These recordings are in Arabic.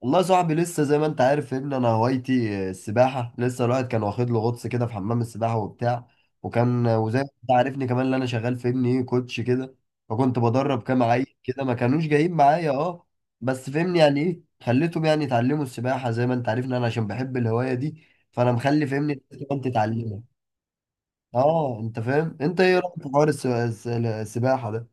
والله يا صاحبي، لسه زي ما انت عارف يا ابني انا هوايتي السباحه. لسه الواحد كان واخد له غطس كده في حمام السباحه وبتاع. وكان وزي ما انت عارفني، كمان اللي انا شغال في ابني ايه كوتش كده. فكنت بدرب كام عيل كده ما كانوش جايين معايا، اه. بس فهمني يعني ايه، خليتهم يعني يتعلموا السباحه زي ما انت عارفني، انا عشان بحب الهوايه دي. فانا مخلي فهمني انت تتعلمها. اه، انت فاهم؟ انت ايه رايك في حوار السباحه ده؟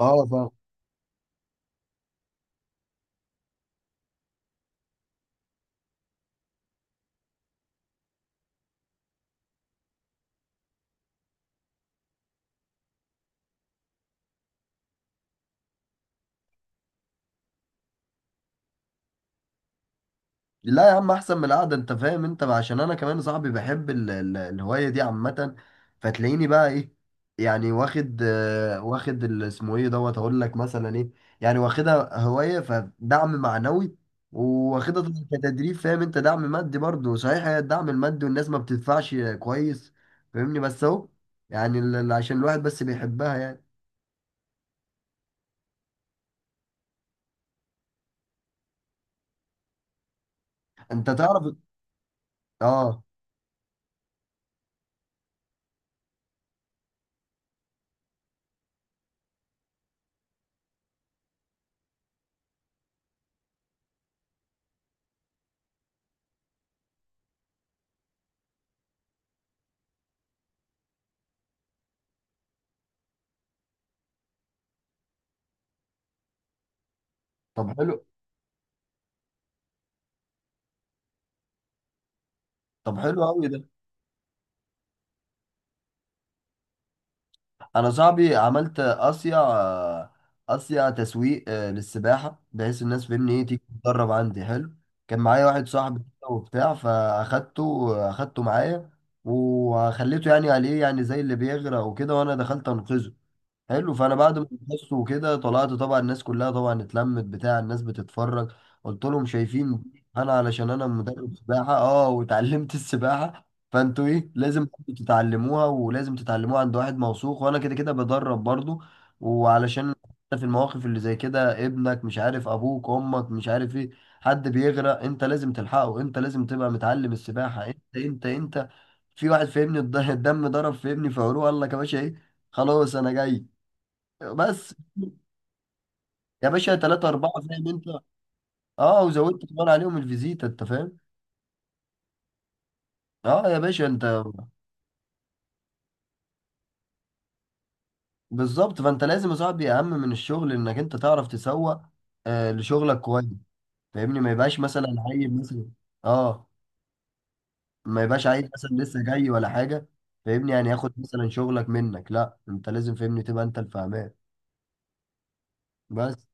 اه فاهم. لا يا عم، احسن من القعده، انت فاهم؟ انت عشان انا كمان صاحبي بحب الهوايه دي عامه. فتلاقيني بقى ايه، يعني واخد اسمه ايه دوت هقول لك مثلا ايه. يعني واخدها هوايه، فدعم معنوي، واخدها طبعاً كتدريب فاهم انت، دعم مادي برضه. صحيح هي الدعم المادي والناس ما بتدفعش كويس، فاهمني؟ بس اهو. يعني عشان الواحد بس بيحبها يعني. انت تعرف. اه. طب حلو. طب حلو قوي. انا صاحبي عملت اسيا، تسويق للسباحه، بحيث الناس فاهمني ايه تيجي تتدرب عندي. حلو. كان معايا واحد صاحبي كده وبتاع، اخدته معايا، وخليته يعني عليه يعني زي اللي بيغرق وكده، وانا دخلت انقذه. حلو. فانا بعد ما خلصت وكده طلعت، طبعا الناس كلها طبعا اتلمت بتاع، الناس بتتفرج. قلت لهم شايفين، انا علشان انا مدرب سباحه، اه، وتعلمت السباحه. فانتوا ايه، لازم برضو تتعلموها، ولازم تتعلموها عند واحد موثوق، وانا كده كده بدرب برضو. وعلشان في المواقف اللي زي كده، ابنك مش عارف، ابوك، امك، مش عارف ايه، حد بيغرق، انت لازم تلحقه، انت لازم تبقى متعلم السباحه، انت انت انت. في واحد فهمني الدم ضرب في ابني في عروق، قال لك يا باشا ايه. خلاص انا جاي. بس يا باشا، ثلاثة أربعة زي ما أنت. أه، وزودت كمان عليهم الفيزيتا. أنت فاهم؟ أه يا باشا أنت. بالظبط، فأنت لازم يا صاحبي، أهم من الشغل إنك أنت تعرف تسوق لشغلك كويس، فاهمني؟ ما يبقاش مثلا عيل مثلا. أه. ما يبقاش عيل مثلا لسه جاي ولا حاجة، فاهمني، يعني ياخد مثلا شغلك منك. لا، أنت لازم فاهمني تبقى أنت الفاهمان. بس.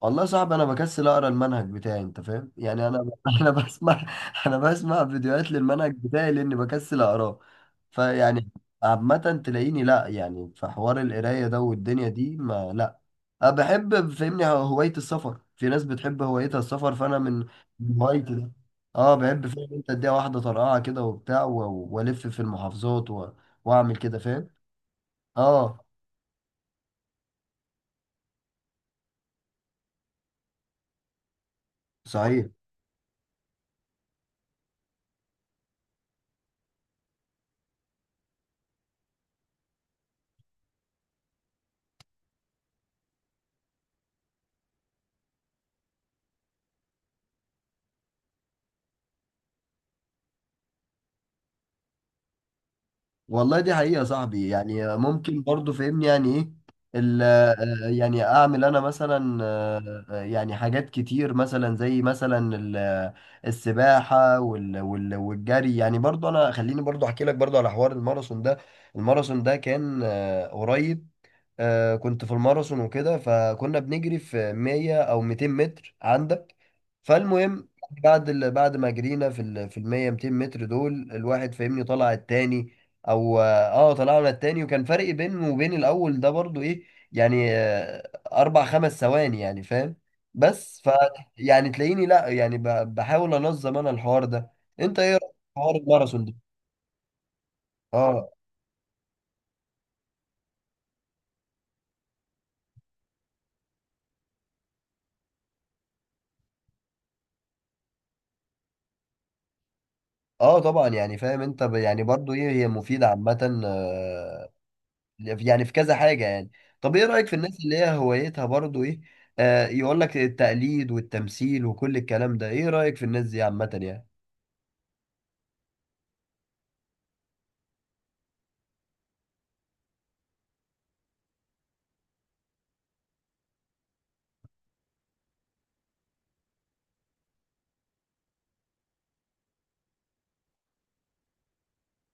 والله صعب، انا بكسل اقرا المنهج بتاعي انت فاهم، يعني انا بسمع. انا بسمع فيديوهات للمنهج بتاعي لاني بكسل اقراه. فيعني عامة تلاقيني، لا يعني في حوار القراية ده والدنيا دي، ما لا. أنا بحب فهمني هواية السفر، في ناس بتحب هوايتها السفر، فأنا من هوايتي ده. اه بحب فاهم انت، اديها واحدة طرقعة كده وبتاع، والف في المحافظات و... واعمل كده فاهم. اه صحيح. والله دي حقيقة يا صاحبي. يعني ممكن برضو فهمني يعني ايه يعني اعمل انا مثلا، يعني حاجات كتير مثلا، زي مثلا السباحة والجري، يعني برضو انا خليني برضو احكي لك برضو على حوار الماراثون ده. الماراثون ده كان قريب. كنت في الماراثون وكده، فكنا بنجري في 100 او 200 متر عندك. فالمهم بعد ما جرينا في ال 100 200 متر دول، الواحد فاهمني طلع التاني، او اه طلعنا التاني، وكان فرق بينه وبين الاول ده برضو ايه، يعني اربع خمس ثواني يعني فاهم. بس ف يعني تلاقيني لا، يعني بحاول انظم انا الحوار ده. انت ايه رأيك في حوار الماراثون ده؟ اه. اه طبعا، يعني فاهم انت، يعني برضو ايه، هي مفيدة عامة، يعني في كذا حاجة يعني. طب ايه رأيك في الناس اللي هي هوايتها برضو ايه، آه، يقول لك التقليد والتمثيل وكل الكلام ده، ايه رأيك في الناس دي عامة يعني؟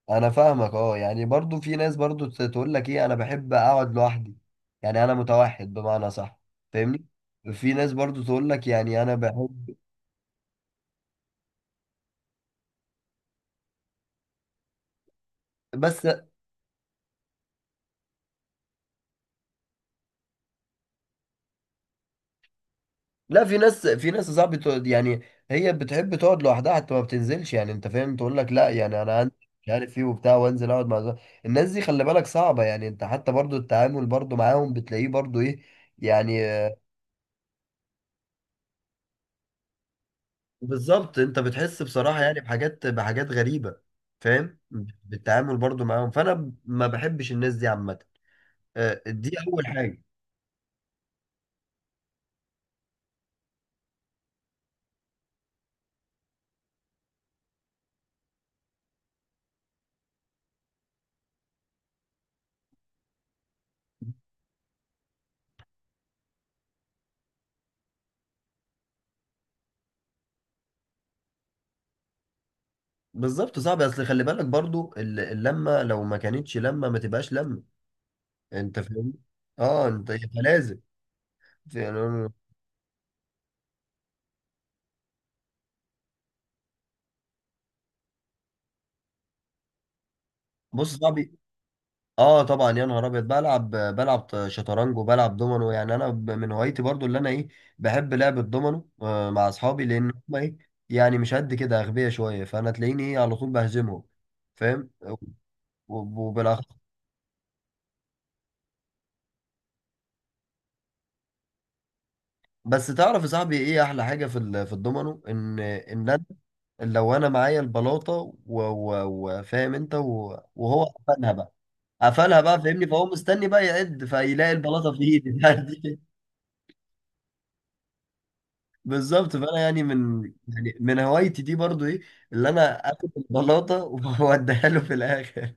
انا فاهمك. اه يعني برضو في ناس برضو تقول لك ايه انا بحب اقعد لوحدي، يعني انا متوحد بمعنى صح، فاهمني؟ في ناس برضو تقول لك يعني انا بحب. بس لا، في ناس صعب تقعد، يعني هي بتحب تقعد لوحدها حتى ما بتنزلش، يعني انت فاهم، تقول لك لا يعني انا عندي مش عارف ايه وبتاع، وانزل اقعد مع زمايلي. الناس دي خلي بالك صعبة، يعني انت حتى برضو التعامل برضو معاهم بتلاقيه برضو ايه، يعني بالظبط. انت بتحس بصراحة يعني بحاجات، بحاجات غريبة، فاهم، بالتعامل برضو معاهم. فانا ما بحبش الناس دي عامة، دي اول حاجة. بالظبط، صعب، اصل خلي بالك برضو اللمة، لو ما كانتش لمة ما تبقاش لمة، انت فاهم؟ اه انت فلازم يعني. بص صاحبي، اه طبعا يا نهار ابيض، بلعب شطرنج وبلعب دومينو، يعني انا من هوايتي برضو اللي انا ايه، بحب لعب الدومينو، آه، مع اصحابي لان هم ايه يعني مش قد كده، اغبياء شويه، فانا تلاقيني ايه على طول بهزمهم فاهم، وب- وبالاخر. بس تعرف يا صاحبي ايه احلى حاجه في الدومينو؟ ان ان انا لو انا معايا البلاطه و- و- وفاهم انت، و- وهو قفلها بقى، فاهمني، فهو مستني بقى يعد، فيلاقي البلاطه في ايدي بالظبط، فانا يعني من هوايتي دي برضو ايه، اللي انا اخد البلاطه واديها له في الاخر.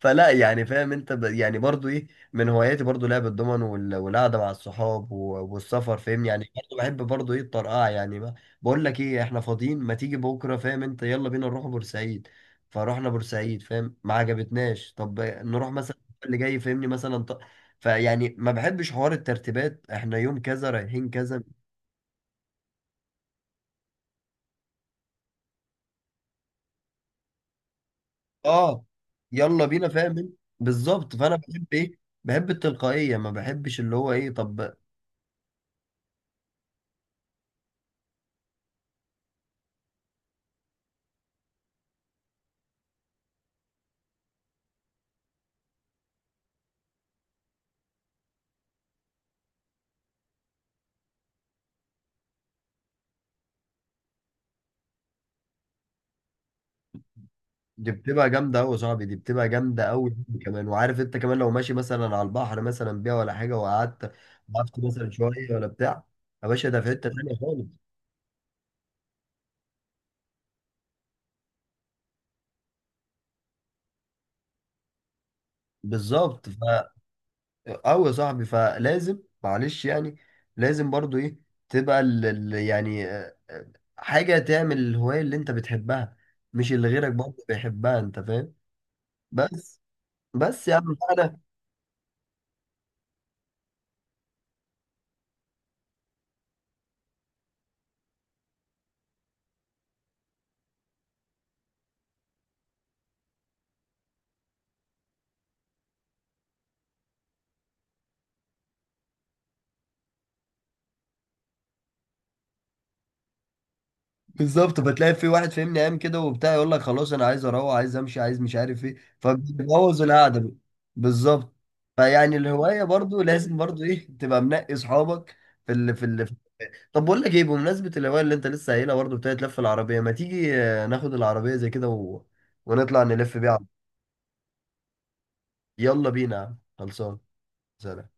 فلا يعني فاهم انت، يعني برضو ايه، من هواياتي برضو لعب الضمن والقعده مع الصحاب و... والسفر فاهم، يعني برضو بحب برضو ايه الطرقعه، يعني ما... بقول لك ايه، احنا فاضيين، ما تيجي بكره فاهم انت، يلا بينا نروح بورسعيد. فروحنا بورسعيد فاهم، ما عجبتناش. طب نروح مثلا اللي جاي فاهمني مثلا فيعني ما بحبش حوار الترتيبات احنا يوم كذا رايحين كذا. اه. يلا بينا فاهم انت؟ بالظبط، فانا بحب ايه، بحب التلقائيه، ما بحبش اللي هو ايه. طب دي بتبقى جامده قوي يا صاحبي، دي بتبقى جامده قوي. كمان، وعارف انت كمان، لو ماشي مثلا على البحر مثلا بيها ولا حاجه، وقعدت، وقفت مثلا شويه ولا بتاع، يا باشا ده في حته تانيه خالص. بالظبط ف، قوي يا صاحبي، فلازم معلش يعني، لازم برضو ايه تبقى حاجه تعمل الهوايه اللي انت بتحبها، مش اللي غيرك برضه بيحبها، انت فاهم؟ بس. بس يا عم انا بالظبط، بتلاقي في واحد فاهمني قام كده وبتاع يقول لك خلاص انا عايز اروح، عايز امشي، عايز مش عارف ايه، فبتبوظ القعده بقى. بالظبط. فيعني الهوايه برضو لازم برضو ايه تبقى منقي اصحابك في ال في ال طب بقول لك ايه، بمناسبه الهوايه اللي انت لسه قايلها برضو بتاعت لف العربيه، ما تيجي ناخد العربيه زي كده و... ونطلع نلف بيها على يلا بينا يا عم. خلصان. سلام.